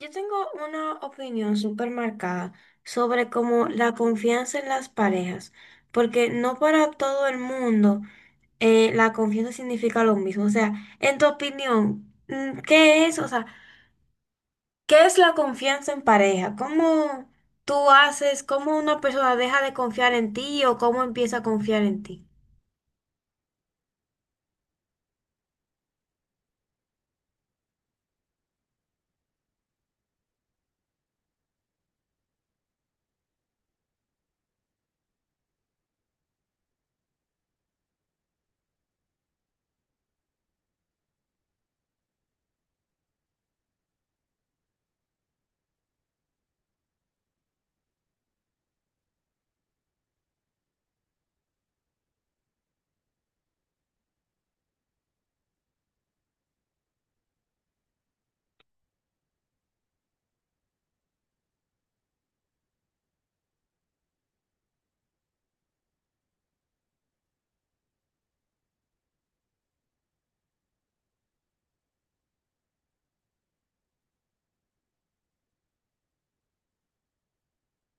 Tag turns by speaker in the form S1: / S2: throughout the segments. S1: Yo tengo una opinión súper marcada sobre cómo la confianza en las parejas, porque no para todo el mundo la confianza significa lo mismo. O sea, en tu opinión, ¿qué es? O sea, ¿qué es la confianza en pareja? ¿Cómo tú haces, cómo una persona deja de confiar en ti o cómo empieza a confiar en ti?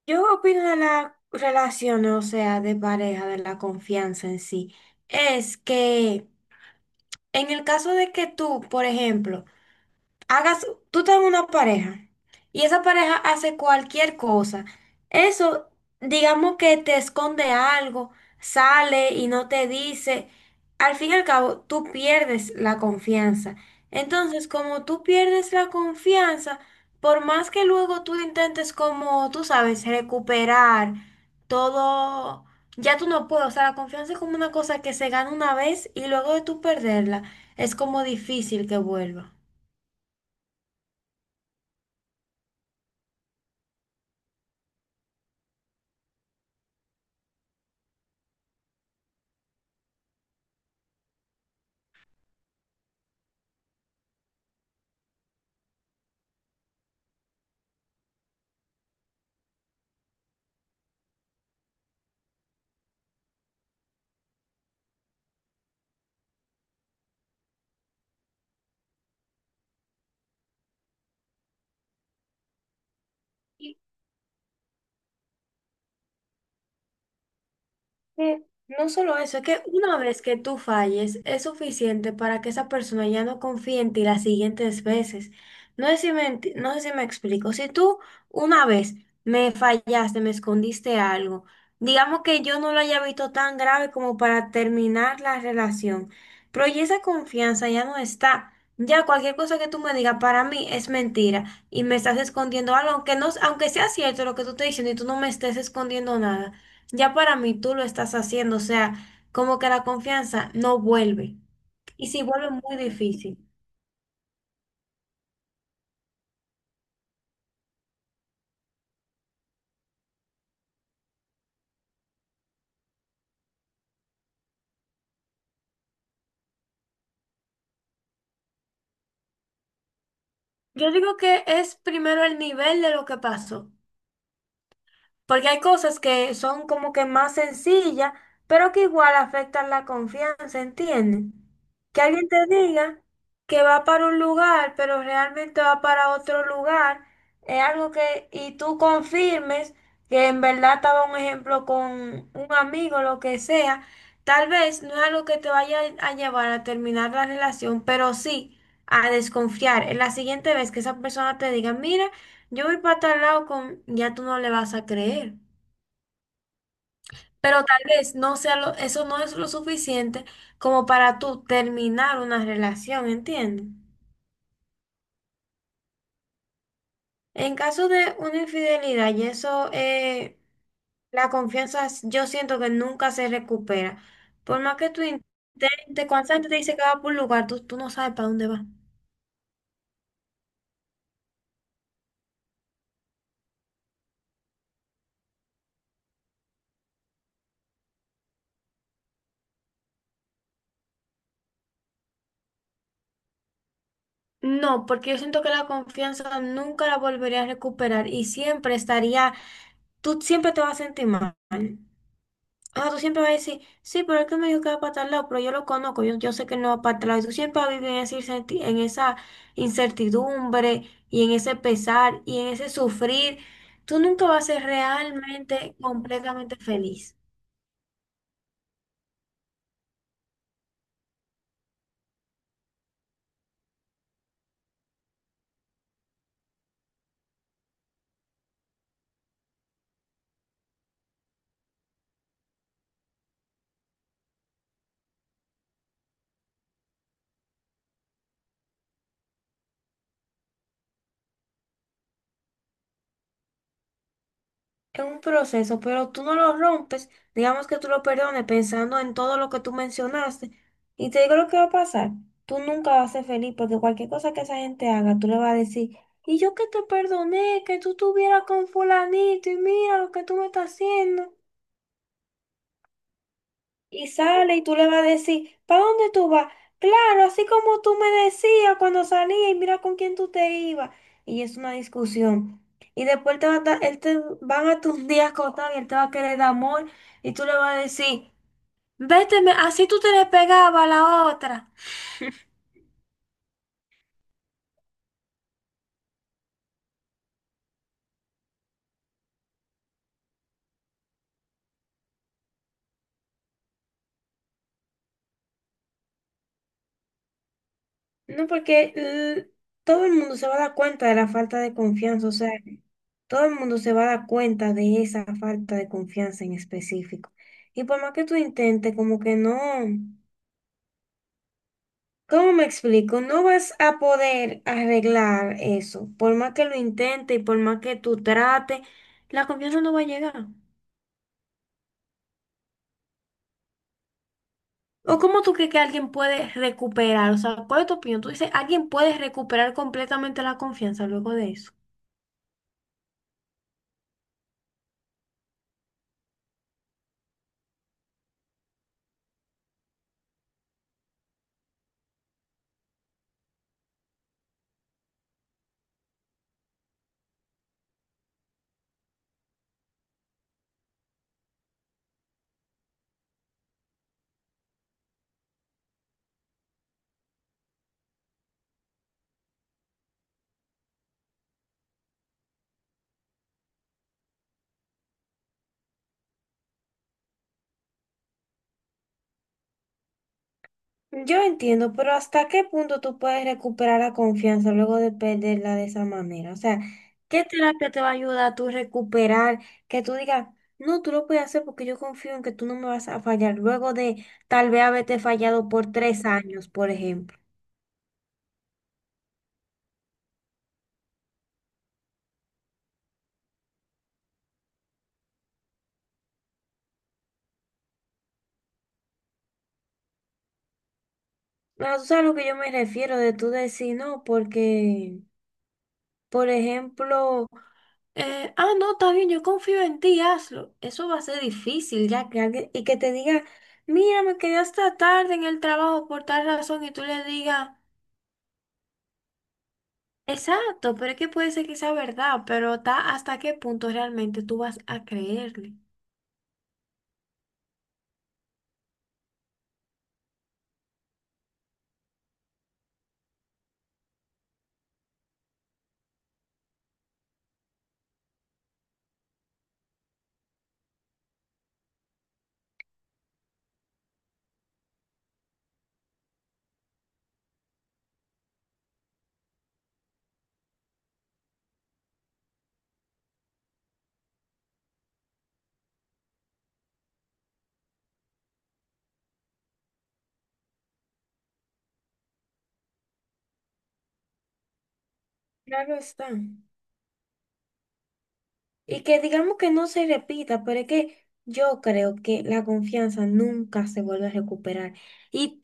S1: Yo opino de la relación, o sea, de pareja, de la confianza en sí, es que en el caso de que tú, por ejemplo, hagas, tú estás en una pareja y esa pareja hace cualquier cosa. Eso, digamos que te esconde algo, sale y no te dice. Al fin y al cabo, tú pierdes la confianza. Entonces, como tú pierdes la confianza, por más que luego tú intentes como, tú sabes, recuperar todo, ya tú no puedes. O sea, la confianza es como una cosa que se gana una vez y luego de tú perderla, es como difícil que vuelva. Que no solo eso, es que una vez que tú falles es suficiente para que esa persona ya no confíe en ti las siguientes veces. No sé si me, no sé si me explico. Si tú una vez me fallaste, me escondiste algo, digamos que yo no lo haya visto tan grave como para terminar la relación, pero ya esa confianza ya no está. Ya cualquier cosa que tú me digas para mí es mentira y me estás escondiendo algo, aunque no, aunque sea cierto lo que tú estás diciendo y tú no me estés escondiendo nada. Ya para mí tú lo estás haciendo, o sea, como que la confianza no vuelve. Y si vuelve, muy difícil. Yo digo que es primero el nivel de lo que pasó. Porque hay cosas que son como que más sencillas, pero que igual afectan la confianza, ¿entiendes? Que alguien te diga que va para un lugar, pero realmente va para otro lugar, es algo que, y tú confirmes que en verdad estaba un ejemplo con un amigo, lo que sea, tal vez no es algo que te vaya a llevar a terminar la relación, pero sí a desconfiar. En la siguiente vez que esa persona te diga, mira, yo voy para tal lado con, ya tú no le vas a creer. Pero tal vez no sea lo, eso no es lo suficiente como para tú terminar una relación, ¿entiendes? En caso de una infidelidad, y eso, la confianza yo siento que nunca se recupera. Por más que tú intentes, cuando esa te dice que va por un lugar, tú no sabes para dónde va. No, porque yo siento que la confianza nunca la volvería a recuperar y siempre estaría, tú siempre te vas a sentir mal. Ah, tú siempre vas a decir, sí, pero es que me dijo que va para tal lado, pero yo lo conozco, yo sé que no va para tal lado. Y tú siempre vas a vivir en esa en esa incertidumbre y en ese pesar y en ese sufrir. Tú nunca vas a ser realmente, completamente feliz. Es un proceso, pero tú no lo rompes, digamos que tú lo perdones pensando en todo lo que tú mencionaste. Y te digo lo que va a pasar, tú nunca vas a ser feliz porque cualquier cosa que esa gente haga, tú le vas a decir, y yo que te perdoné, que tú estuvieras con fulanito y mira lo que tú me estás haciendo. Y sale y tú le vas a decir, ¿para dónde tú vas? Claro, así como tú me decías cuando salía y mira con quién tú te ibas. Y es una discusión. Y después te va a él te, van a tus días contar y él te va a querer dar amor y tú le vas a decir, vete, así tú te le pegabas a la otra. No, porque todo el mundo se va a dar cuenta de la falta de confianza, o sea, todo el mundo se va a dar cuenta de esa falta de confianza en específico. Y por más que tú intentes, como que no. ¿Cómo me explico? No vas a poder arreglar eso. Por más que lo intentes y por más que tú trates, la confianza no va a llegar. ¿O cómo tú crees que alguien puede recuperar? O sea, ¿cuál es tu opinión? Tú dices, ¿alguien puede recuperar completamente la confianza luego de eso? Yo entiendo, pero ¿hasta qué punto tú puedes recuperar la confianza luego de perderla de esa manera? O sea, ¿qué terapia te va a ayudar a tú recuperar? Que tú digas, no, tú lo puedes hacer porque yo confío en que tú no me vas a fallar luego de tal vez haberte fallado por 3 años, por ejemplo. Pero tú sabes a lo que yo me refiero de tú decir no, porque, por ejemplo, eh, ah, no, está bien, yo confío en ti, hazlo. Eso va a ser difícil, ya que alguien, y que te diga, mira, me quedé hasta tarde en el trabajo por tal razón, y tú le digas, exacto, pero es que puede ser que sea verdad, pero está hasta qué punto realmente tú vas a creerle. Claro está. Y que digamos que no se repita, pero es que yo creo que la confianza nunca se vuelve a recuperar. Y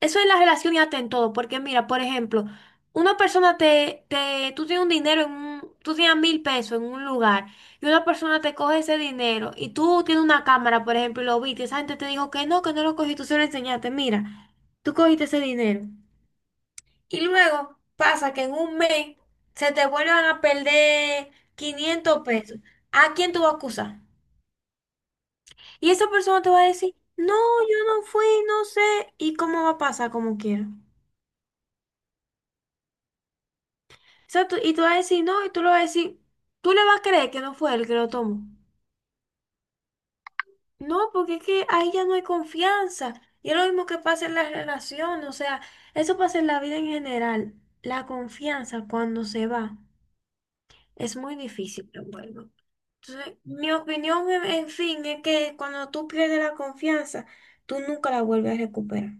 S1: eso en la relación y hasta en todo, porque mira, por ejemplo, una persona tú tienes un dinero en un, tú tienes 1.000 pesos en un lugar y una persona te coge ese dinero y tú tienes una cámara, por ejemplo, y lo viste, y esa gente te dijo que no lo cogí, tú se lo enseñaste, mira, tú cogiste ese dinero. Y luego pasa que en un mes se te vuelvan a perder 500 pesos. ¿A quién tú vas a acusar? Y esa persona te va a decir, no, yo no fui, no sé, y cómo va a pasar como quiera. O sea, y tú vas a decir no, y tú lo vas a decir, tú le vas a creer que no fue él que lo tomó. No, porque es que ahí ya no hay confianza. Y es lo mismo que pasa en la relación, o sea, eso pasa en la vida en general. La confianza cuando se va es muy difícil que vuelva. Entonces, mi opinión, en fin, es que cuando tú pierdes la confianza, tú nunca la vuelves a recuperar.